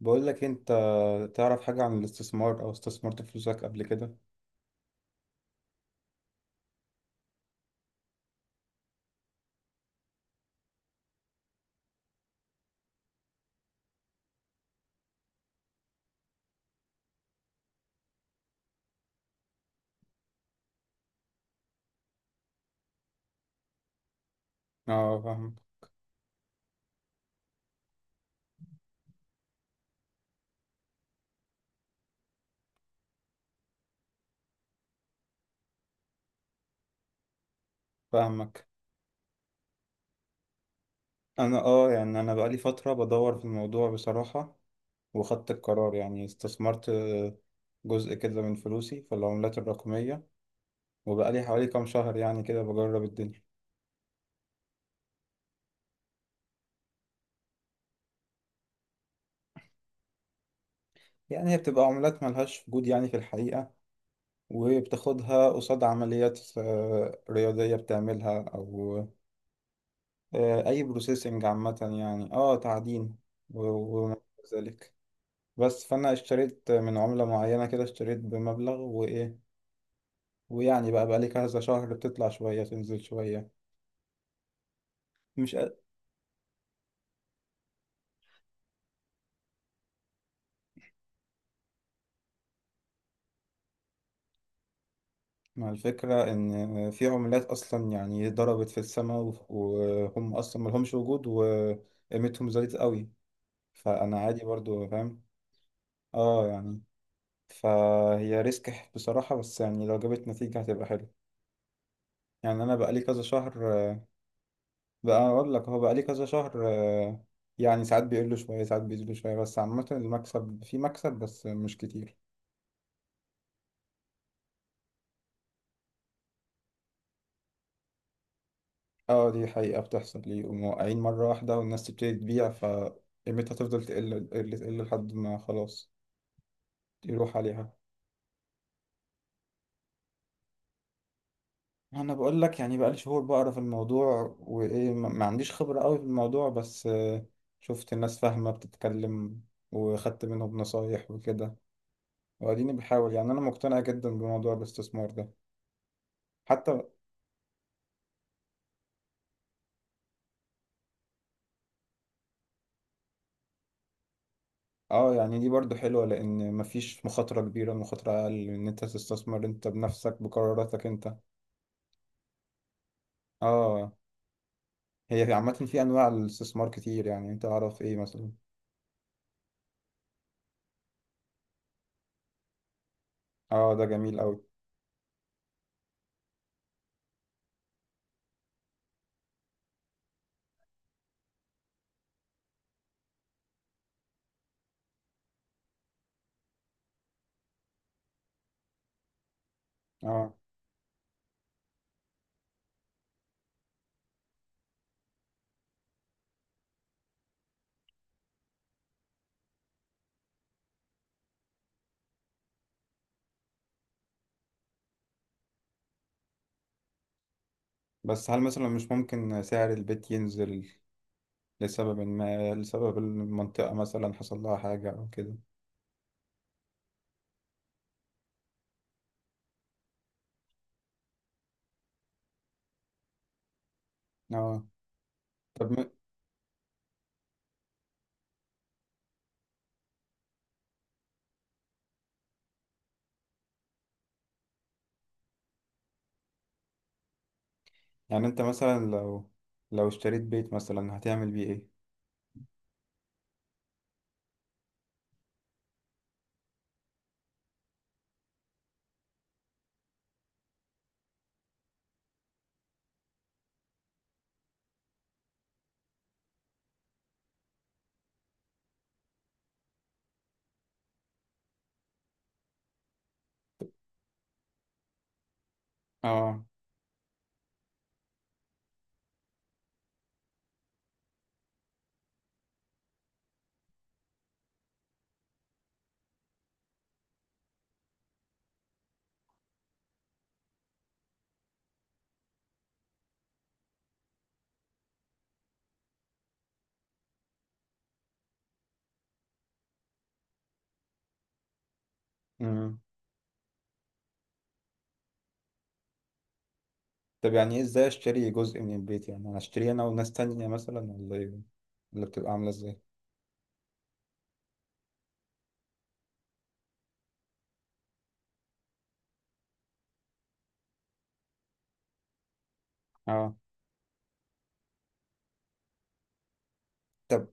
بقول لك انت تعرف حاجة عن الاستثمار او استثمرت فلوسك قبل كده؟ اه، فاهم. فاهمك. انا اه يعني انا بقالي فترة بدور في الموضوع بصراحة. وخدت القرار، يعني استثمرت جزء كده من فلوسي في العملات الرقمية. وبقالي حوالي كام شهر، يعني كده بجرب الدنيا. يعني هي بتبقى عملات ملهاش وجود يعني في الحقيقة، وبتاخدها قصاد عمليات رياضية بتعملها، أو أي بروسيسنج عامة، يعني تعدين و- وما إلى ذلك. بس فانا اشتريت من عملة معينة كده، اشتريت بمبلغ وايه. ويعني بقى لي كذا شهر، بتطلع شوية تنزل شوية. مش قد- مع الفكرة ان في عملات اصلا يعني ضربت في السماء، وهم اصلا ملهمش وجود وقيمتهم زادت قوي، فانا عادي برضو فاهم. اه، يعني فهي ريسك بصراحة، بس يعني لو جابت نتيجة هتبقى حلو. يعني انا بقى لي كذا شهر. بقى اقول لك، هو بقى ليه كذا شهر، يعني ساعات بيقل شويه ساعات بيزيد شويه، بس عامه المكسب في مكسب بس مش كتير. اه، دي حقيقه بتحصل ليه، وموقعين مره واحده والناس تبتدي تبيع فقيمتها تفضل تقل تقل تقل لحد ما خلاص يروح عليها. انا بقول لك، يعني بقى لي شهور بقرا في الموضوع وايه، ما عنديش خبره قوي في الموضوع، بس شفت الناس فاهمه بتتكلم، وخدت منهم نصايح وكده، واديني بحاول. يعني انا مقتنع جدا بموضوع الاستثمار ده حتى. اه، يعني دي برضو حلوة لأن مفيش مخاطرة كبيرة. المخاطرة أقل إن أنت تستثمر أنت بنفسك بقراراتك أنت. اه، هي عامة في أنواع الاستثمار كتير، يعني أنت أعرف إيه مثلا. اه، ده جميل أوي. اه، بس هل مثلا مش ممكن سعر البيت ينزل لسبب ما، لسبب المنطقة مثلا حصل لها حاجة أو كده؟ اه. طب يعني أنت مثلا لو اشتريت بيت مثلا هتعمل بيه إيه؟ اه. مم. طب يعني ايه، ازاي اشتري جزء من البيت؟ يعني انا اشتري انا وناس تانية مثلا، ولا ايه اللي بتبقى عاملة ازاي؟ اه. طب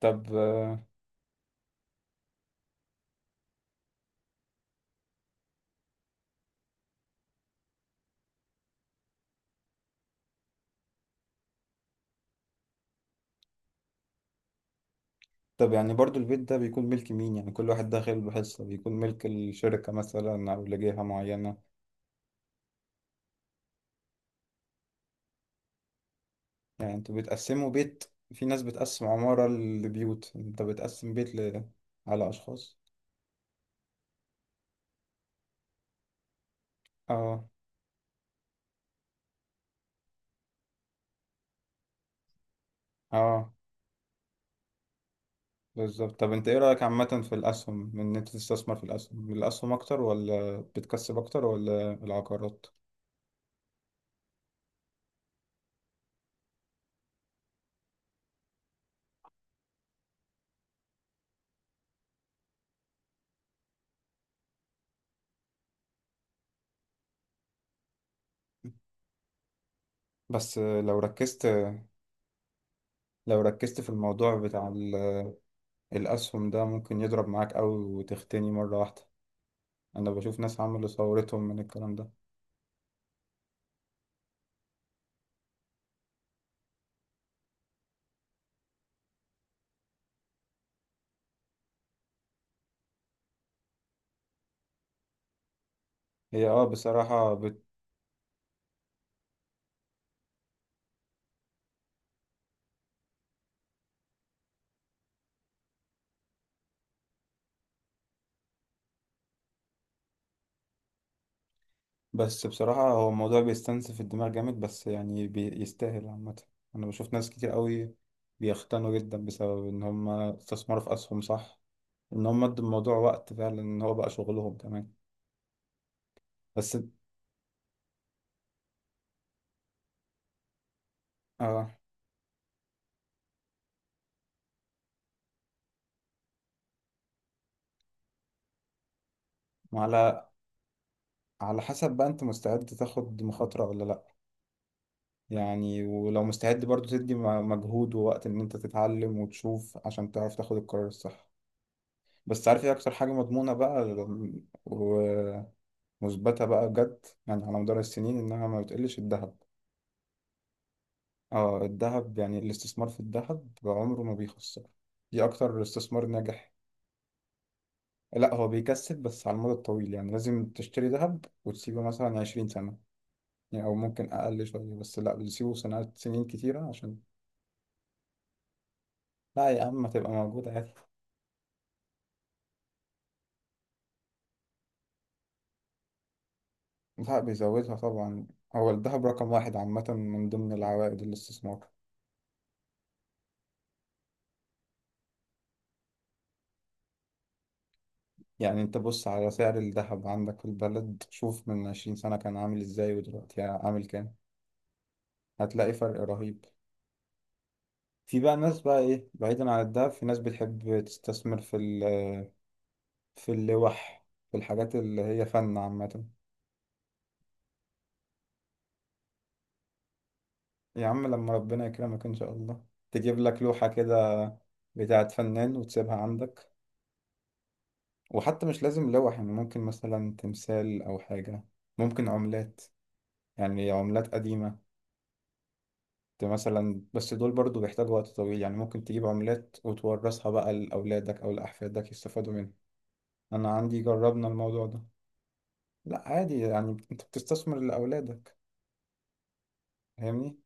طب. طب يعني برضو البيت ده بيكون ملك مين؟ يعني كل واحد داخل بحصة بيكون ملك الشركة مثلا او لجهة معينة؟ يعني انتوا بتقسموا بيت، في ناس بتقسم عمارة لبيوت، انت بتقسم بيت على اشخاص. اه، اه، بالظبط. طب انت ايه رأيك عامة في الاسهم؟ ان انت تستثمر في الاسهم اكتر، ولا بتكسب اكتر ولا العقارات؟ بس لو ركزت في الموضوع بتاع الأسهم ده ممكن يضرب معاك أوي وتغتني مرة واحدة. أنا بشوف ناس عملوا ثورتهم من الكلام ده. هي اه بصراحة بت... بس بصراحة هو الموضوع بيستنزف الدماغ جامد، بس يعني بيستاهل عامة. أنا بشوف ناس كتير أوي بيختنوا جدا بسبب إن هما استثمروا في أسهم، صح، إن هما ادوا الموضوع وقت فعلا إن هو بقى شغلهم كمان. بس اه وعلى على حسب بقى أنت مستعد تاخد مخاطرة ولا لأ، يعني ولو مستعد برضو تدي مجهود ووقت ان انت تتعلم وتشوف عشان تعرف تاخد القرار الصح. بس عارف ايه اكتر حاجة مضمونة بقى ومثبتة بقى بجد، يعني على مدار السنين انها ما بتقلش؟ الذهب. اه، الذهب. يعني الاستثمار في الذهب عمره ما بيخسر، دي اكتر استثمار ناجح. لا، هو بيكسب بس على المدى الطويل، يعني لازم تشتري ذهب وتسيبه مثلا 20 سنة، يعني او ممكن اقل شوية، بس لا، بتسيبه سنوات سنين كتيرة عشان. لا يا عم، ما تبقى موجودة عادي. لا، بيزودها طبعا. هو الذهب رقم واحد عامة من ضمن العوائد الاستثمار. يعني انت بص على سعر الذهب عندك في البلد، شوف من 20 سنة كان عامل ازاي ودلوقتي عامل كام، هتلاقي فرق رهيب. في بقى ناس، بقى ايه، بعيدا عن الذهب، في ناس بتحب تستثمر في في اللوح، في الحاجات اللي هي فن عامة. يا عم، لما ربنا يكرمك ان شاء الله تجيب لك لوحة كده بتاعت فنان وتسيبها عندك. وحتى مش لازم لوح، يعني ممكن مثلا تمثال او حاجة، ممكن عملات، يعني عملات قديمة مثلا. بس دول برضو بيحتاجوا وقت طويل، يعني ممكن تجيب عملات وتورثها بقى لأولادك أو لأحفادك يستفادوا منها. أنا عندي جربنا الموضوع ده. لا، عادي، يعني أنت بتستثمر لأولادك، فاهمني.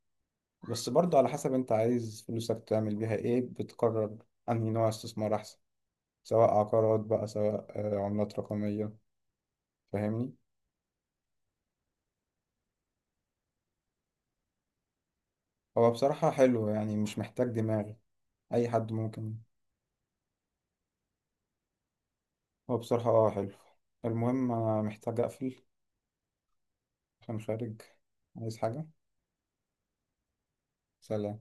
بس برضو على حسب أنت عايز فلوسك تعمل بيها إيه، بتقرر أنهي نوع استثمار أحسن، سواء عقارات بقى، سواء عملات رقمية. فاهمني. هو بصراحة حلو، يعني مش محتاج دماغ، أي حد ممكن. هو بصراحة حلو. المهم أنا محتاج أقفل، كان خارج عايز حاجة. سلام.